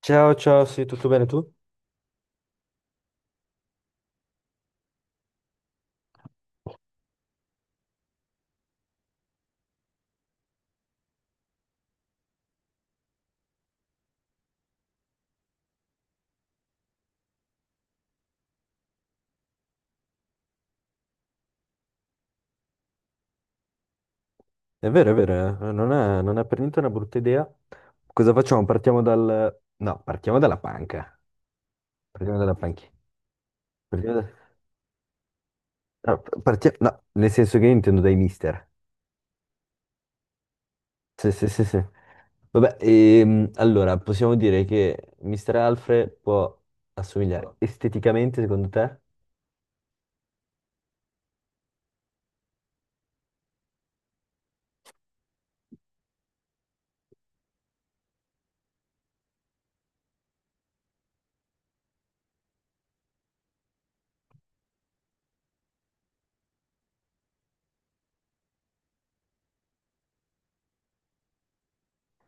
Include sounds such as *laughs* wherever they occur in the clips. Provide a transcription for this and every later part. Ciao, ciao, sì, tutto bene tu? È vero, eh. Non è per niente una brutta idea. Cosa facciamo? No, partiamo dalla panca. Partiamo dalla panca. Partiamo da- No, no, nel senso che io intendo dai mister. Sì, sì, sì, sì. Vabbè, allora, possiamo dire che mister Alfred può assomigliare esteticamente, secondo te?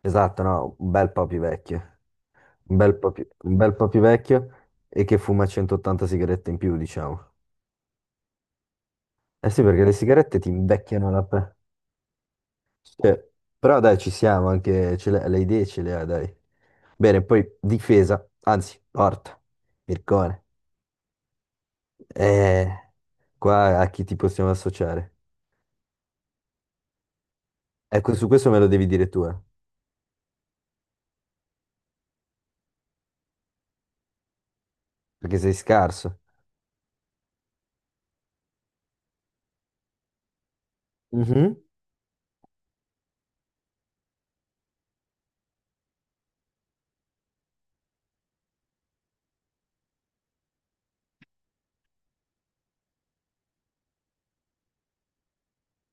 Esatto, no, un bel po' più vecchio. Un bel po' più vecchio e che fuma 180 sigarette in più, diciamo. Eh sì, perché le sigarette ti invecchiano la pelle. Cioè, però dai, ci siamo anche, le idee ce le ha, dai. Bene, poi difesa, anzi, porta, Mircone. Eh, qua a chi ti possiamo associare? Ecco, su questo me lo devi dire tu, perché sei scarso. Mhm.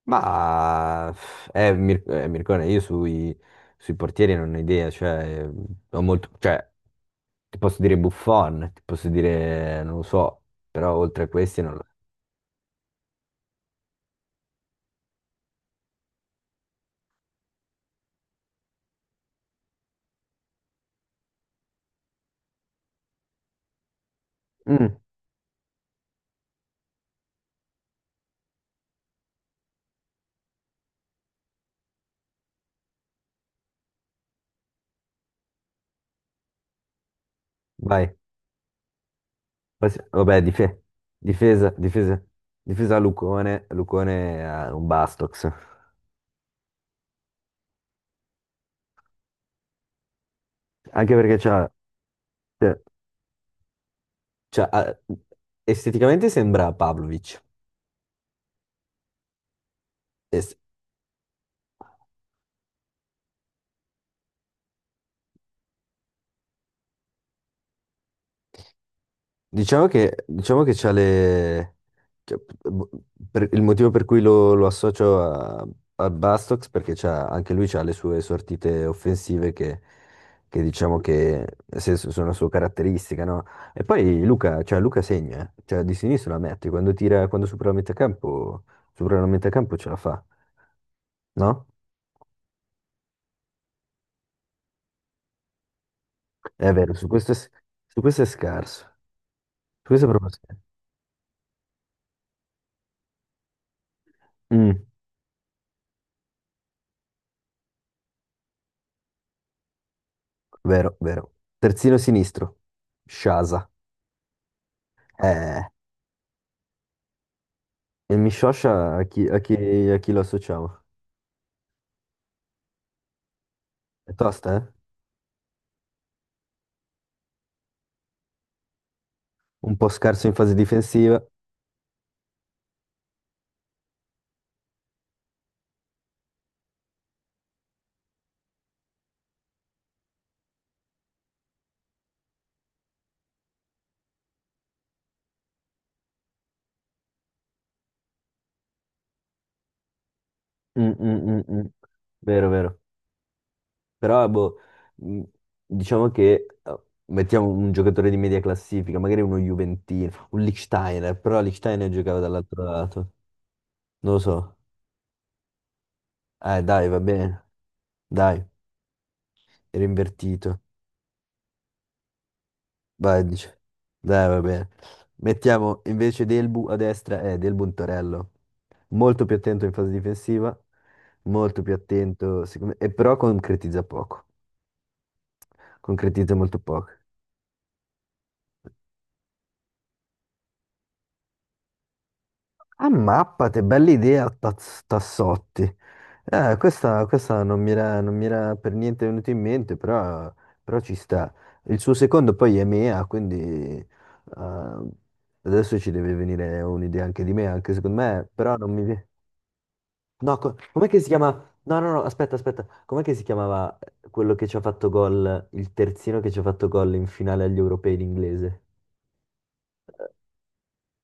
Ma Mircone, sui portieri non ho idea, cioè, ho molto, cioè, ti posso dire Buffon, ti posso dire, non lo so, però oltre a questi non lo... so. Mm. Vai. Poi se- Vabbè, difesa, difesa, difesa Lucone, Lucone ha un Bastox. Anche perché c'ha, cioè, c'ha- ha- esteticamente sembra Pavlovic. Es- diciamo che c'ha le... cioè, p- per- il motivo per cui lo, lo associo a, a Bastox perché c'ha, anche lui ha le sue sortite offensive che diciamo che nel senso, sono la sua caratteristica, no? E poi Luca, cioè Luca segna, eh. Cioè di sinistra la mette, quando tira, quando supera la metà campo, supera la metà campo ce la fa, no? È vero, su questo è, s- su questo è scarso, su questo è proprio scarso. Mm. Vero, vero. Terzino sinistro, Sciasa. Eh, e Miscioscia a chi, a chi lo associamo? È tosta, eh? Un po' scarso in fase difensiva. Mm, mm, mm, mm. Vero, vero. Però, boh, mm, diciamo che mettiamo un giocatore di media classifica, magari uno Juventino, un Lichtsteiner, però Lichtsteiner giocava dall'altro lato. Non lo so. Dai, va bene. Dai, era invertito. Vai, dice. Dai, va bene. Mettiamo invece Delbu a destra e Delbu in torello. Molto più attento in fase difensiva, molto più attento, secondo me, e però concretizza poco. Concretizza molto poco. Ah, mappate, bella idea, Tassotti. Questa non mi era, non mi era per niente venuta in mente, però, però ci sta. Il suo secondo poi è Mea, quindi adesso ci deve venire un'idea anche di me, anche secondo me, però non mi viene. No, com'è che si chiama? No, no, no, aspetta, aspetta. Com'è che si chiamava quello che ci ha fatto gol, il terzino che ci ha fatto gol in finale agli europei l'inglese?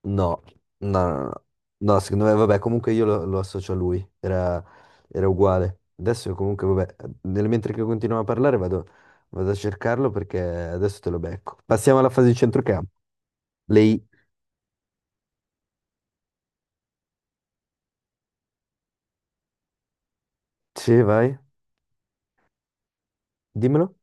No, no, no, no. No, secondo me, vabbè, comunque io lo, lo associo a lui. Era, era uguale. Adesso comunque, vabbè, nel mentre che continuiamo a parlare vado, vado a cercarlo perché adesso te lo becco. Passiamo alla fase di centrocampo. Lei, sì, vai, dimmelo.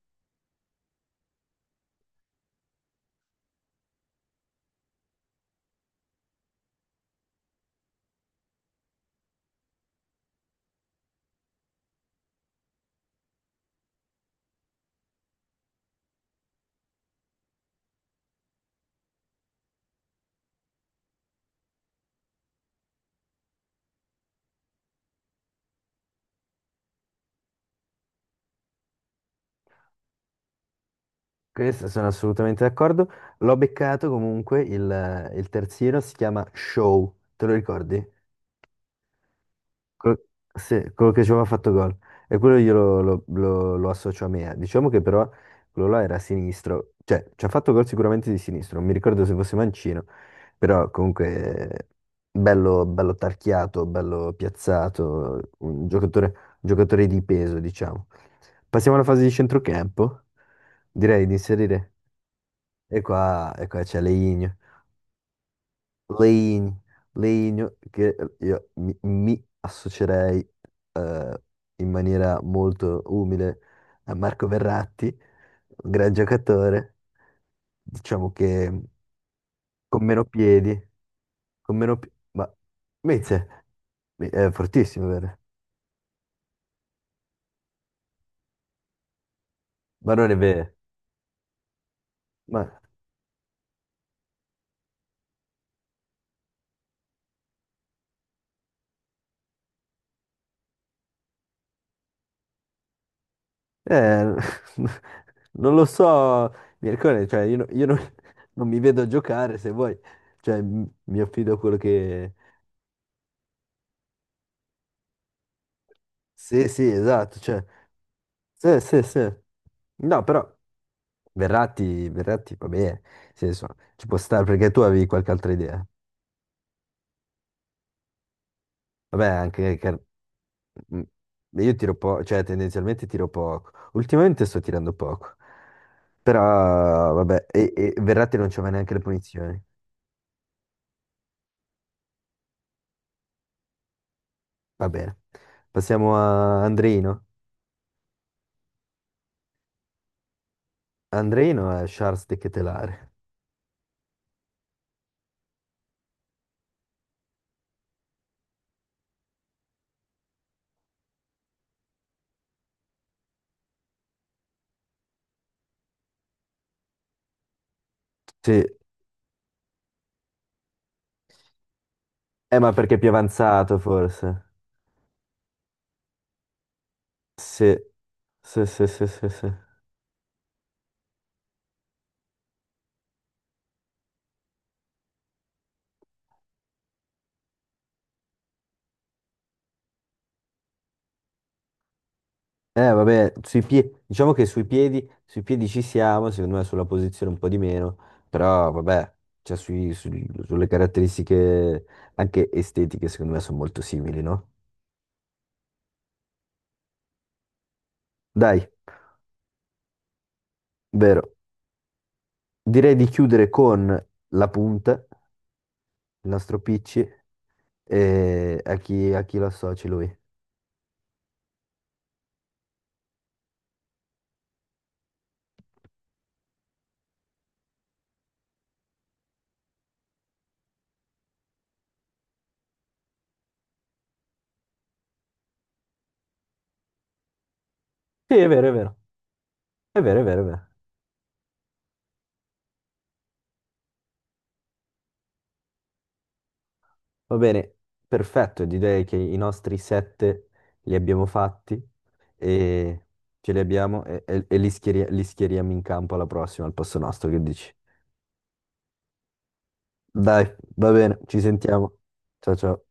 Questo sono assolutamente d'accordo. L'ho beccato comunque, il terzino si chiama Show, te lo ricordi? Quello, sì, quello che ci aveva fatto gol. E quello io lo, lo associo a me. Diciamo che però quello là era sinistro, cioè ci ha fatto gol sicuramente di sinistro, non mi ricordo se fosse mancino, però comunque bello, bello tarchiato, bello piazzato, un giocatore di peso, diciamo. Passiamo alla fase di centrocampo, direi di inserire. E qua c'è Leigno. Leigno, Leigno, che mi associerei eh, in maniera molto umile a Marco Verratti, un gran giocatore, diciamo che con meno piedi, ma Mezze, è fortissimo, vero? Ma non è vero. Ma, eh, *laughs* non lo so, Mircone, cioè io, no- io non, non mi vedo giocare se vuoi, cioè mi affido a quello che sì, sì, esatto, cioè, sì, sì, sì. No, però Verratti, Verratti va bene, nel senso, ci può stare perché tu avevi qualche altra idea. Vabbè, anche che... Mm, io tiro poco, cioè tendenzialmente tiro poco. Ultimamente sto tirando poco. Però vabbè, e Verratti non c'aveva neanche le punizioni. Va bene. Passiamo a Andreino. Andreino è Charles De Ketelare. Sì, ma perché è più avanzato forse? Sì, sì, sì, sì, sì, sì. Vabbè, sui piedi, diciamo che sui piedi ci siamo, secondo me sulla posizione un po' di meno, però vabbè, cioè sulle caratteristiche anche estetiche, secondo me sono molto simili, no? Dai, vero. Direi di chiudere con la punta, il nostro Picci, e a chi lo associ lui. Sì, è vero, è vero, è vero, è vero, è vero. Va bene, perfetto, direi che i nostri 7 li abbiamo fatti e ce li abbiamo e, e li schieriamo in campo alla prossima, al posto nostro, che dici? Dai, va bene, ci sentiamo. Ciao ciao.